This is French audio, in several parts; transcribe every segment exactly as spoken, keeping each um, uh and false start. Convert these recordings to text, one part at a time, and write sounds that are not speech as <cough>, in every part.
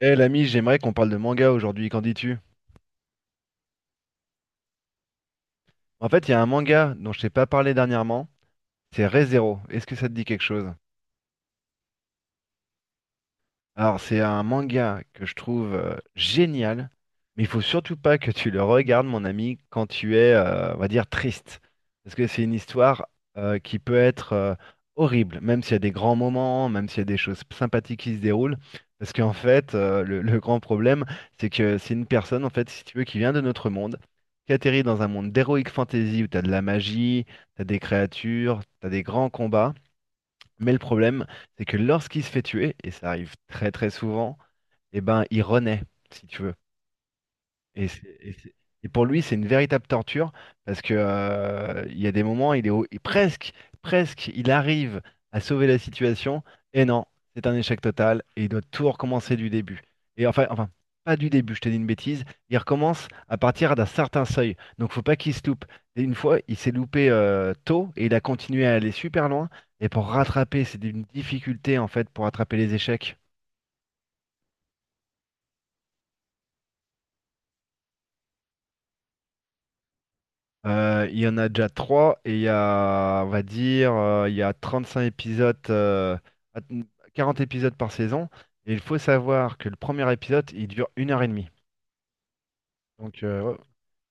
Eh l'ami, j'aimerais qu'on parle de manga aujourd'hui, qu'en dis-tu? En fait, il y a un manga dont je t'ai pas parlé dernièrement, c'est Re:Zero. Est-ce que ça te dit quelque chose? Alors, c'est un manga que je trouve euh, génial, mais il faut surtout pas que tu le regardes, mon ami, quand tu es, euh, on va dire, triste. Parce que c'est une histoire euh, qui peut être euh, horrible, même s'il y a des grands moments, même s'il y a des choses sympathiques qui se déroulent. Parce qu'en fait, euh, le, le grand problème, c'est que c'est une personne, en fait, si tu veux, qui vient de notre monde, qui atterrit dans un monde d'heroic fantasy où tu as de la magie, tu as des créatures, tu as des grands combats. Mais le problème, c'est que lorsqu'il se fait tuer, et ça arrive très très souvent, eh ben, il renaît, si tu veux. Et, c'est- et c'est- et pour lui, c'est une véritable torture parce que euh, il y a des moments, il est au- et presque, presque, il arrive à sauver la situation et non, c'est un échec total et il doit tout recommencer du début. Et enfin, enfin, pas du début, je t'ai dit une bêtise. Il recommence à partir d'un certain seuil, donc faut pas qu'il se loupe. Et une fois, il s'est loupé euh, tôt et il a continué à aller super loin. Et pour rattraper, c'est une difficulté en fait pour rattraper les échecs. Euh, il y en a déjà trois et il y a, on va dire, euh, il y a trente-cinq épisodes, euh, à- quarante épisodes par saison. Et il faut savoir que le premier épisode, il dure une heure et demie. Donc euh, ouais,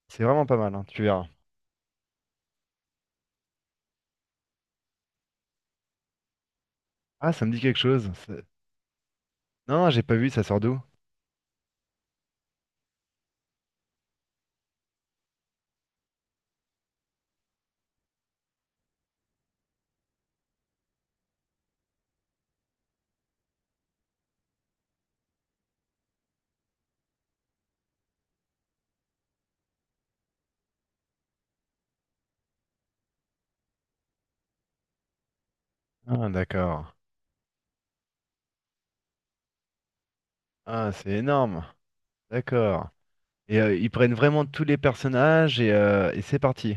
c'est vraiment pas mal, hein, tu verras. Ah, ça me dit quelque chose. c'est- Non, j'ai pas vu, ça sort d'où? Ah, d'accord. Ah, c'est énorme. D'accord. Et euh, ils prennent vraiment tous les personnages et, euh, et c'est parti.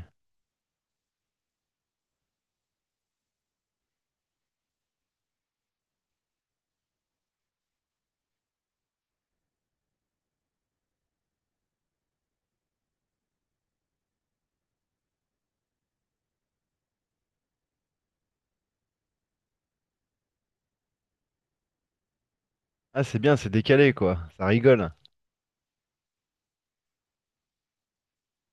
Ah, c'est bien, c'est décalé, quoi. Ça rigole.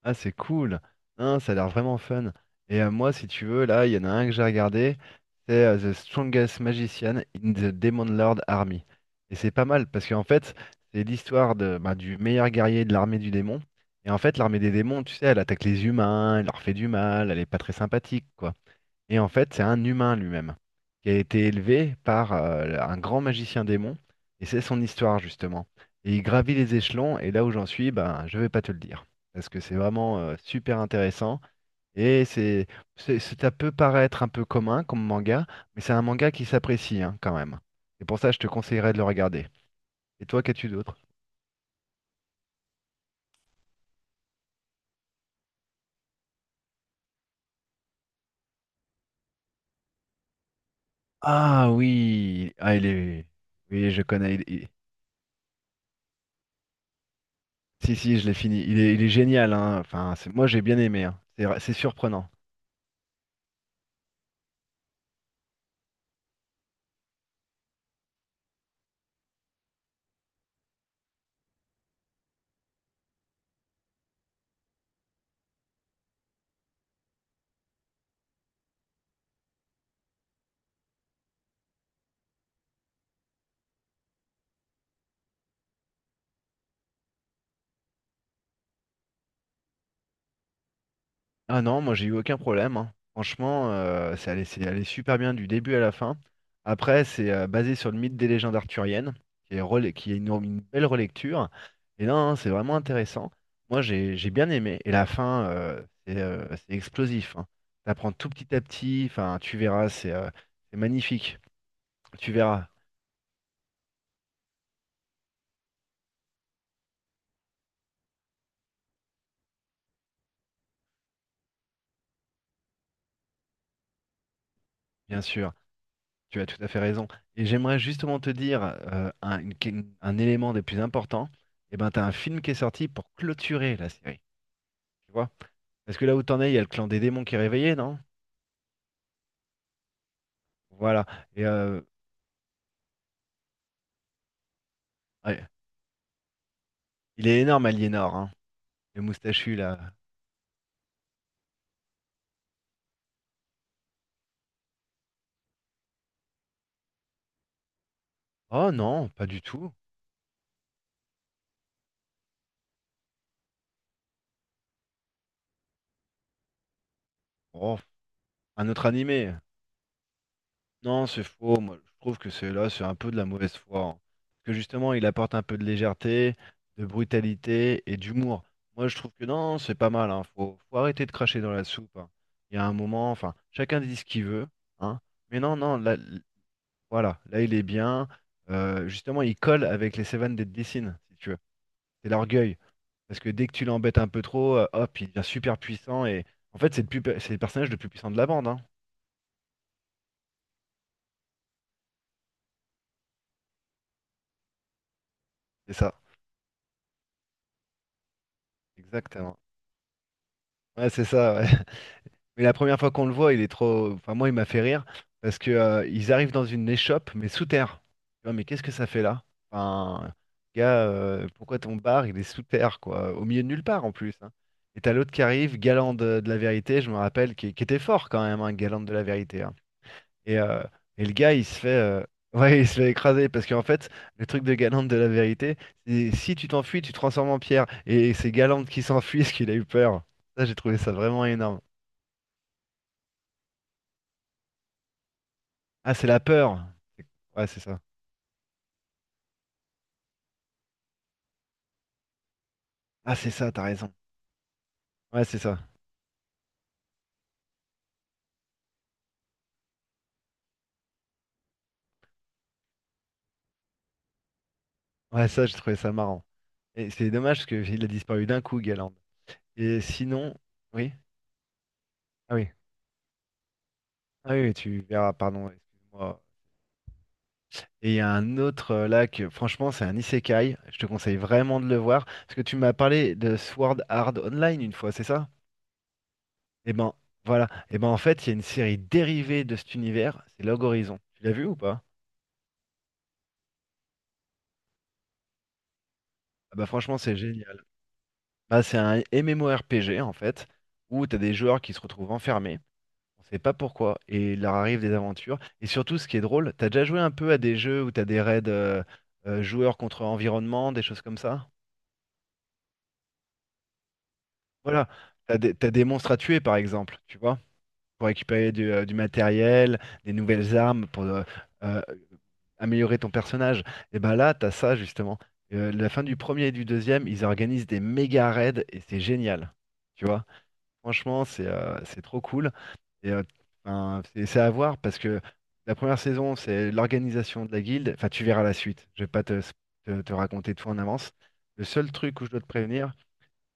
Ah, c'est cool. Hein, ça a l'air vraiment fun. Et euh, moi, si tu veux, là, il y en a un que j'ai regardé. C'est euh, The Strongest Magician in the Demon Lord Army. Et c'est pas mal parce qu'en fait, c'est l'histoire de, bah, du meilleur guerrier de l'armée du démon. Et en fait, l'armée des démons, tu sais, elle attaque les humains, elle leur fait du mal, elle est pas très sympathique, quoi. Et en fait, c'est un humain lui-même, qui a été élevé par euh, un grand magicien démon, et c'est son histoire justement. Et il gravit les échelons, et là où j'en suis, ben, je vais pas te le dire, parce que c'est vraiment euh, super intéressant, et c'est, c'est- c'est- ça peut paraître un peu commun comme manga, mais c'est un manga qui s'apprécie hein, quand même. Et pour ça, je te conseillerais de le regarder. Et toi, qu'as-tu d'autre? Ah oui, ah il est, oui je connais. il- il- Si si, je l'ai fini. Il est, il est génial. Hein. Enfin, c'est- moi j'ai bien aimé. Hein. C'est, c'est surprenant. Ah non, moi j'ai eu aucun problème. Hein. Franchement, euh, c'est allé, c'est allé super bien du début à la fin. Après, c'est euh, basé sur le mythe des légendes arthuriennes, qui est, rela- qui est une, une belle relecture. Et non, non, c'est vraiment intéressant. Moi j'ai j'ai bien aimé. Et la fin, euh, c'est euh, c'est explosif. Hein. T'apprends tout petit à petit. Enfin, tu verras, c'est euh, c'est magnifique. Tu verras, bien sûr. Tu as tout à fait raison. Et j'aimerais justement te dire euh, un, une- un élément des plus importants. Et ben, t'as un film qui est sorti pour clôturer la série. Tu vois? Parce que là où t'en es, il y a le clan des démons qui est réveillé, non? Voilà. Et euh, ouais, il est énorme, Aliénor, hein. Le moustachu, là. Oh non, pas du tout. Oh, un autre animé. Non, c'est faux. Moi, je trouve que c'est là, c'est un peu de la mauvaise foi. Hein. Parce que justement, il apporte un peu de légèreté, de brutalité et d'humour. Moi, je trouve que non, c'est pas mal. Hein. Faut, faut arrêter de cracher dans la soupe. Hein. Il y a un moment, enfin, chacun dit ce qu'il veut, hein. Mais non, non, là, voilà, là il est bien. Euh, justement, il colle avec les Seven Deadly Dessine, si tu veux. C'est l'orgueil. Parce que dès que tu l'embêtes un peu trop, euh, hop, il devient super puissant. Et en fait, c'est le, plus pu- c'est le personnage le plus puissant de la bande. Hein. C'est ça. Exactement. Ouais, c'est ça. Ouais. Mais la première fois qu'on le voit, il est trop. Enfin, moi, il m'a fait rire parce que euh, ils arrivent dans une échoppe, mais sous terre. Tu vois, mais qu'est-ce que ça fait là? Enfin, gars, euh, pourquoi ton bar, il est sous terre, quoi, au milieu de nulle part en plus. Hein. Et t'as l'autre qui arrive, Galante de, de la vérité, je me rappelle, qui, qui était fort quand même, hein, Galante de la vérité. Hein. Et, euh, et le gars, il se fait, euh, <laughs> ouais, il se fait écraser parce qu'en fait, le truc de Galante de la vérité, c'est si tu t'enfuis, tu te transformes en pierre. Et c'est Galante qui s'enfuit parce <laughs> qu'il a eu peur. Ça, j'ai trouvé ça vraiment énorme. Ah, c'est la peur. C'est- Ouais, c'est ça. Ah, c'est ça, t'as raison. Ouais, c'est ça. Ouais, ça, j'ai trouvé ça marrant. Et c'est dommage parce qu'il a disparu d'un coup, Galand. Et sinon, oui, ah oui, ah oui, tu verras, pardon, excuse-moi. Et il y a un autre euh, là que, franchement, c'est un isekai. Je te conseille vraiment de le voir parce que tu m'as parlé de Sword Art Online une fois, c'est ça? Eh ben, voilà. Eh ben, en fait, il y a une série dérivée de cet univers, c'est Log Horizon. Tu l'as vu ou pas? Ah bah, franchement, c'est génial. Bah, c'est un MMORPG en fait, où t'as des joueurs qui se retrouvent enfermés, on sait pas pourquoi, et il leur arrive des aventures. Et surtout, ce qui est drôle, t'as déjà joué un peu à des jeux où t'as des raids euh, euh, joueurs contre environnement, des choses comme ça? Voilà, t'as des, t'as des monstres à tuer par exemple, tu vois, pour récupérer du, euh, du matériel, des nouvelles armes, pour euh, euh, améliorer ton personnage. Et ben là, t'as ça justement. Euh, la fin du premier et du deuxième, ils organisent des méga raids et c'est génial, tu vois. Franchement, c'est euh, c'est trop cool. Et euh, enfin, c'est c'est à voir parce que la première saison, c'est l'organisation de la guilde. Enfin, tu verras la suite. Je vais pas te, te, te raconter tout en avance. Le seul truc où je dois te prévenir,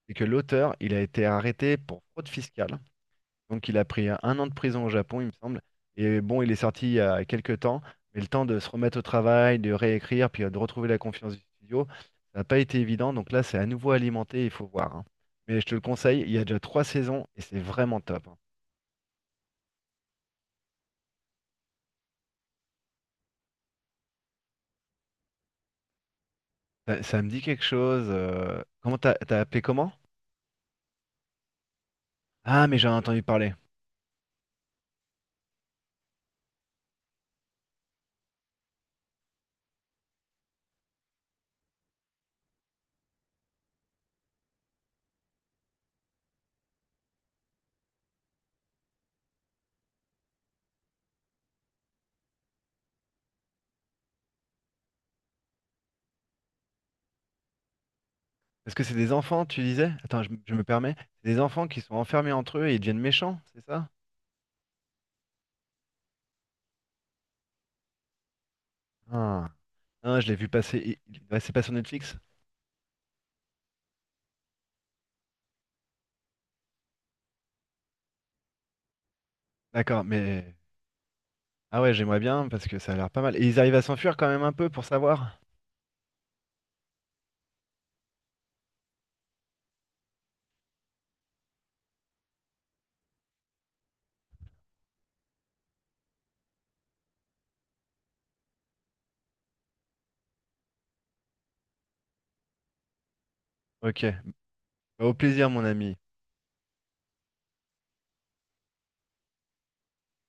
c'est que l'auteur, il a été arrêté pour fraude fiscale. Donc il a pris un an de prison au Japon, il me semble. Et bon, il est sorti il y a quelques temps, mais le temps de se remettre au travail, de réécrire, puis euh, de retrouver la confiance du studio, ça n'a pas été évident. Donc là, c'est à nouveau alimenté, il faut voir. Hein. Mais je te le conseille, il y a déjà trois saisons et c'est vraiment top. Hein. Ça, ça me dit quelque chose. euh, Comment t'as t'as appelé comment? Ah, mais j'ai entendu parler. Est-ce que c'est des enfants, tu disais? Attends, je, m- je me permets. C'est des enfants qui sont enfermés entre eux et ils deviennent méchants, c'est ça? Ah, ah, je l'ai vu passer. Il- il- ouais, c'est pas sur Netflix? D'accord, mais. Ah ouais, j'aimerais bien parce que ça a l'air pas mal. Et ils arrivent à s'enfuir quand même un peu pour savoir? Ok. Bah, au plaisir, mon ami.